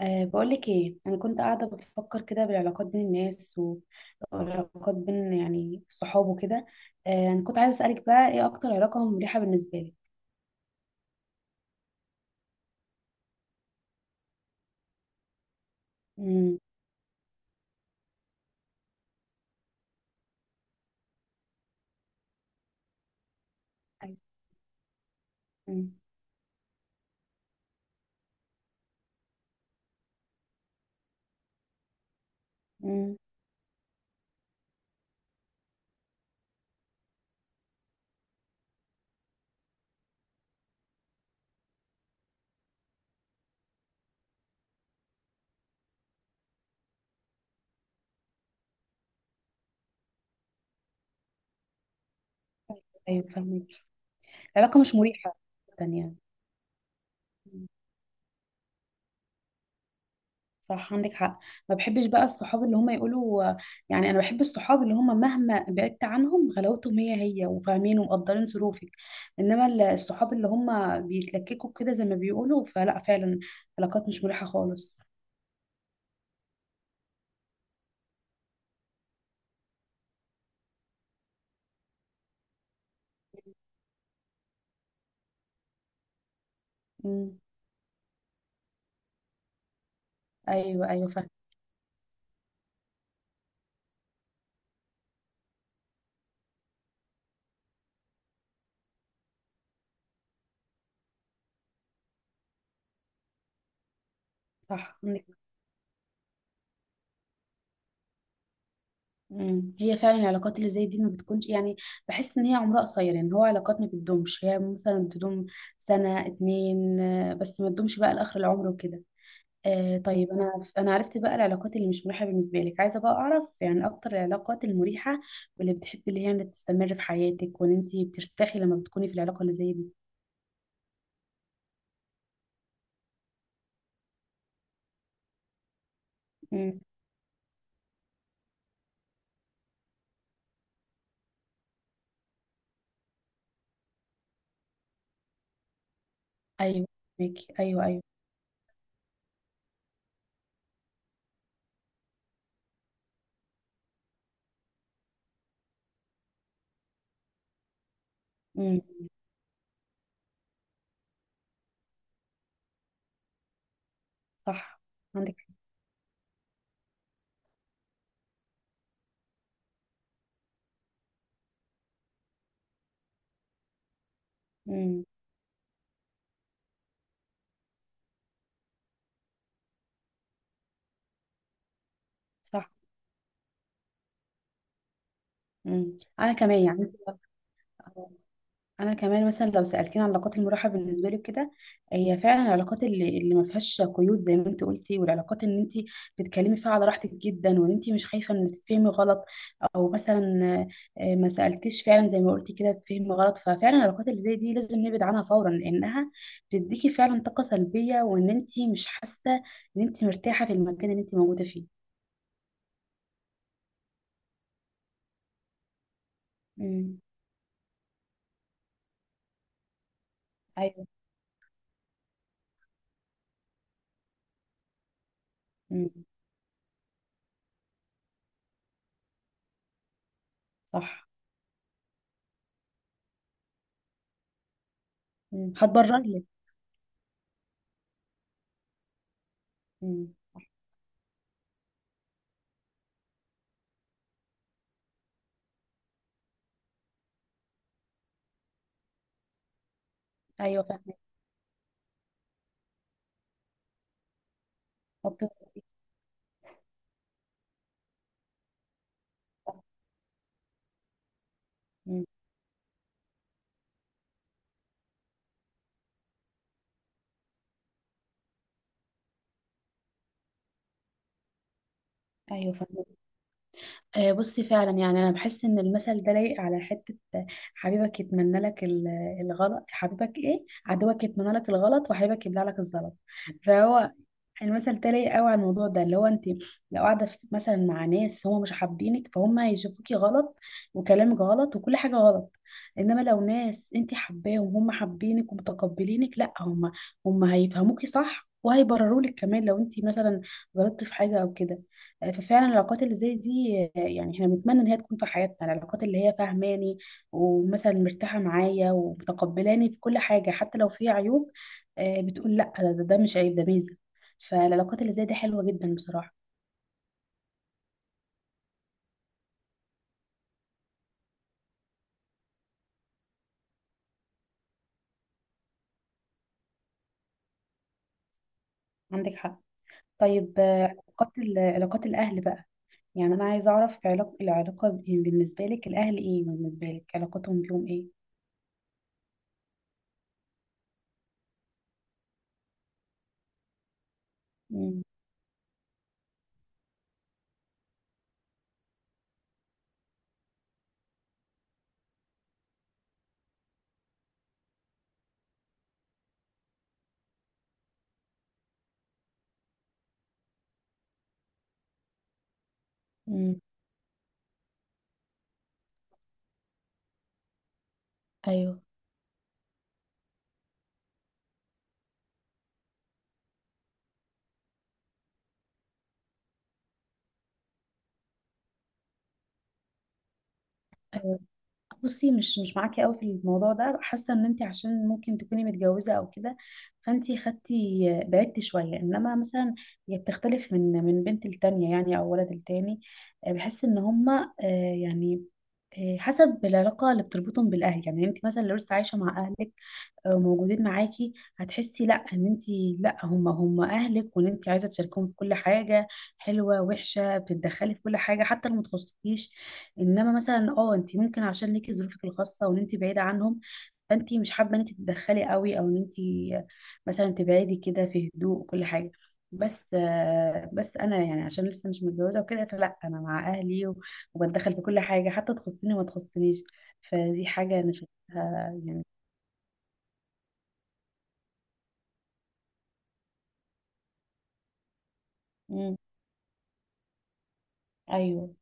بقولك ايه، انا كنت قاعده بفكر كده بالعلاقات بين الناس والعلاقات بين يعني الصحاب وكده. انا كنت عايزه اسالك بقى، ايه اكتر علاقه مريحه بالنسبه لك؟ امم. ايوه. امم. أمم. ايوه، فاهمك. العلاقه مش مريحه جدا يعني. صح، عندك حق. ما بحبش بقى الصحاب اللي هم يقولوا يعني. انا بحب الصحاب اللي هم مهما بعدت عنهم غلاوتهم هي هي، وفاهمين ومقدرين ظروفك. انما الصحاب اللي هم بيتلككوا كده، زي ما بيقولوا، فلا فعلا علاقات مش مريحة خالص. امم. ايوه، ايوه فاهم. صح عندك. امم. هي فعلا العلاقات اللي زي دي ما بتكونش يعني، بحس ان هي عمرها قصير يعني. هو علاقات ما بتدومش، هي مثلا بتدوم سنة اتنين، بس ما تدومش بقى لاخر العمر وكده. طيب، انا عرفت بقى العلاقات اللي مش مريحه بالنسبه لك. عايزه بقى اعرف يعني اكتر العلاقات المريحه، واللي بتحبي اللي هي يعني تستمر في حياتك، وان انت بترتاحي لما بتكوني في العلاقه اللي زي دي. امم. ايوه، ميكي. ايوه، ايوه. امم. صح عندك حق. امم. صح. امم، انا كمان يعني. انا كمان مثلا، لو سالتيني عن علاقات المراحه بالنسبه لي كده، هي فعلا العلاقات اللي ما فيهاش قيود، زي ما انت قلتي، والعلاقات ان انت بتتكلمي فيها على راحتك جدا، وان انت مش خايفه ان تتفهمي غلط، او مثلا ما سالتيش، فعلا زي ما قلتي كده، تتفهمي غلط. ففعلا العلاقات اللي زي دي لازم نبعد عنها فورا، لانها بتديكي فعلا طاقه سلبيه، وان انت مش حاسه ان انت مرتاحه في المكان اللي انت موجوده فيه. امم. ايوه. امم. صح. امم، هتبرر لك. امم. ايوه فاهمه. أوكي. امم. ايوه فاهمة. آه، بصي فعلا يعني انا بحس ان المثل ده لايق على حته. حبيبك يتمنى لك الغلط، حبيبك ايه، عدوك يتمنى لك الغلط، وحبيبك يبلع لك الزلط. فهو المثل ده لايق قوي على الموضوع ده، اللي هو انت لو قاعده مثلا مع ناس هم مش حابينك، فهم هيشوفوكي غلط، وكلامك غلط، وكل حاجه غلط. انما لو ناس انت حباهم وهم حابينك ومتقبلينك، لا، هم هيفهموكي صح، وهيبرروا لك كمان لو انت مثلا غلطتي في حاجه او كده. ففعلا العلاقات اللي زي دي يعني احنا بنتمنى ان هي تكون في حياتنا. العلاقات اللي هي فاهماني، ومثلا مرتاحه معايا ومتقبلاني في كل حاجه، حتى لو في عيوب بتقول لا، ده مش عيب، ده ميزه. فالعلاقات اللي زي دي حلوه جدا بصراحه. عندك حق. طيب، علاقات علاقات الاهل بقى. يعني انا عايزه اعرف العلاقه بالنسبه لك الاهل ايه، بالنسبه لك علاقتهم بيهم ايه؟ مم. مم. ايوه، بصي، مش معاكي قوي في الموضوع ده. حاسه ان انت، عشان ممكن تكوني متجوزه او كده، فانت خدتي بعدتي شويه. انما مثلا، هي بتختلف من بنت التانية يعني، او ولد التاني. بحس ان هما يعني حسب العلاقه اللي بتربطهم بالاهل يعني. انت مثلا لو لسه عايشه مع اهلك موجودين معاكي، هتحسي لا ان انت، لا هم اهلك، وان انت عايزه تشاركهم في كل حاجه، حلوه وحشه، بتتدخلي في كل حاجه حتى لو ما تخصكيش. انما مثلا انت ممكن، عشان ليكي ظروفك الخاصه وان انت بعيده عنهم، فانت مش حابه ان انت تتدخلي قوي، او ان انت مثلا تبعدي كده في هدوء وكل حاجه. بس انا يعني، عشان لسه مش متجوزه وكده، فلا انا مع اهلي، وبتدخل في كل حاجه حتى تخصني وما تخصنيش. فدي حاجه انا شايفها يعني. ايوه.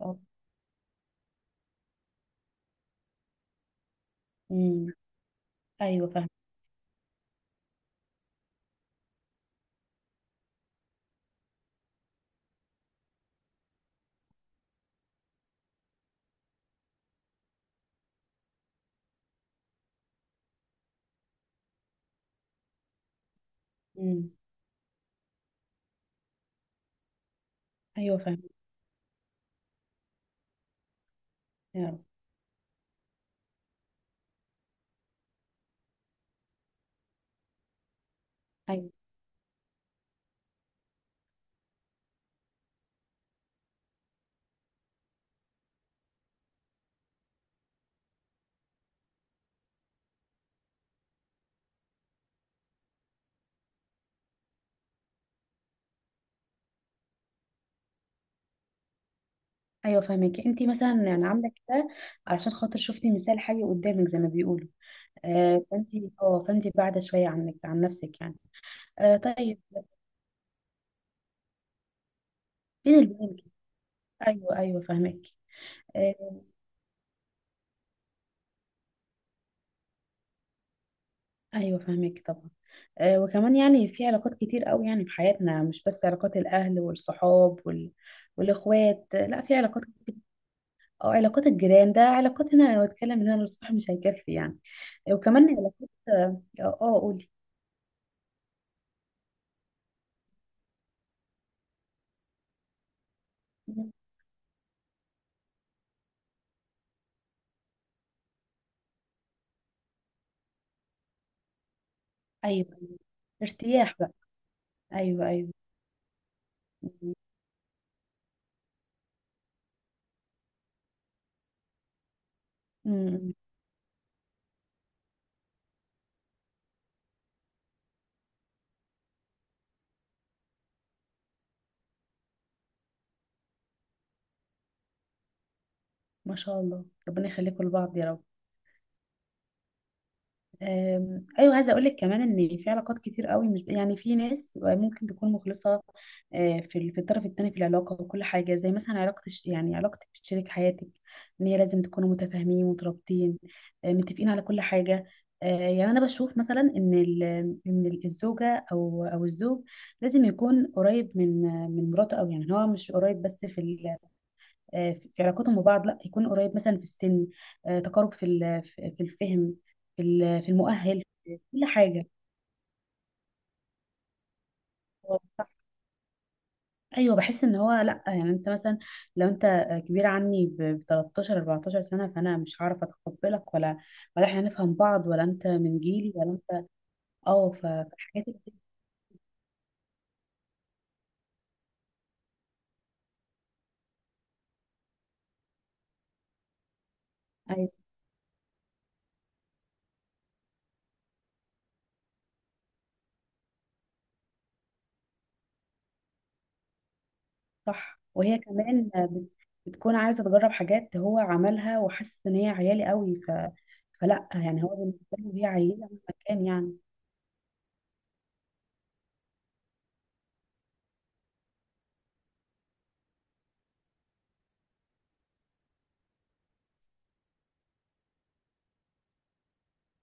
اه. امم. ايوه فاهم. امم. ايوه فاهم. يا رب. ايوه، ايوه فاهمك. انت مثلا يعني عامله كده علشان خاطر شفتي مثال حي قدامك، زي ما بيقولوا. فانت بعد شويه عنك عن نفسك يعني. طيب. بين البنين كده. ايوه، ايوه فاهمك. آه ايوه فاهمك طبعا. وكمان يعني، في علاقات كتير قوي يعني في حياتنا، مش بس علاقات الاهل والصحاب والاخوات، لا، في علاقات كتير، أو علاقات الجيران. ده علاقات هنا، لو اتكلم هنا للصبح مش هيكفي يعني. وكمان علاقات قولي. ايوه، أيوة. ارتياح بقى. ايوه، ايوه. م- م- ما شاء الله، ربنا يخليكم لبعض يا رب. ايوه، عايزه اقول لك كمان ان في علاقات كتير قوي، مش يعني في ناس ممكن تكون مخلصه في الطرف الثاني في العلاقه وكل حاجه، زي مثلا علاقه يعني علاقتك بشريك حياتك، ان هي لازم تكونوا متفاهمين مترابطين، متفقين على كل حاجه. يعني انا بشوف مثلا ان الزوجه او الزوج لازم يكون قريب من مراته قوي يعني. هو مش قريب بس في علاقتهم ببعض، لا، يكون قريب مثلا في السن، تقارب في الفهم، في المؤهل، في كل حاجة. هو صح. ايوه، بحس ان هو لا يعني. انت مثلا لو انت كبير عني ب 13 14 سنه، فانا مش هعرف اتقبلك، ولا احنا هنفهم بعض، ولا انت من جيلي، ولا انت فالحاجات اللي دي. ايوه صح. وهي كمان بتكون عايزه تجرب حاجات هو عملها، وحاسس ان هي عيالي قوي فلا يعني، هو بالنسبه له هي عيله مهما كان يعني.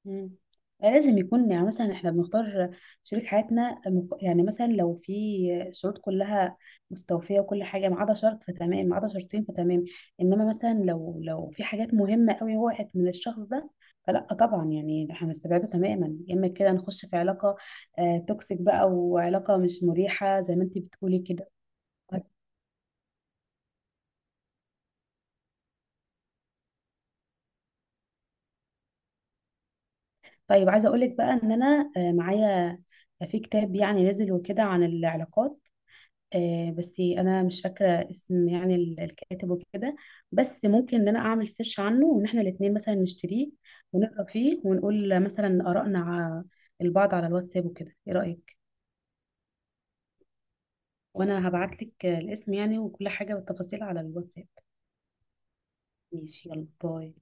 مم. لازم يكون يعني، مثلا احنا بنختار شريك حياتنا يعني مثلا لو في شروط كلها مستوفية وكل حاجة، ما عدا شرط فتمام، ما عدا شرطين فتمام. انما مثلا لو في حاجات مهمة قوي وقعت من الشخص ده، فلا طبعا يعني احنا هنستبعده تماما، يا اما كده نخش في علاقة توكسيك بقى، وعلاقة مش مريحة زي ما انت بتقولي كده. طيب، عايزة اقولك بقى ان انا معايا في كتاب يعني نزل وكده عن العلاقات، بس انا مش فاكره اسم يعني الكاتب وكده. بس ممكن ان انا اعمل سيرش عنه، وان احنا الاثنين مثلا نشتريه ونقرا فيه، ونقول مثلا ارائنا البعض على الواتساب وكده. ايه رايك؟ وانا هبعت لك الاسم يعني وكل حاجه والتفاصيل على الواتساب. ماشي، يلا باي.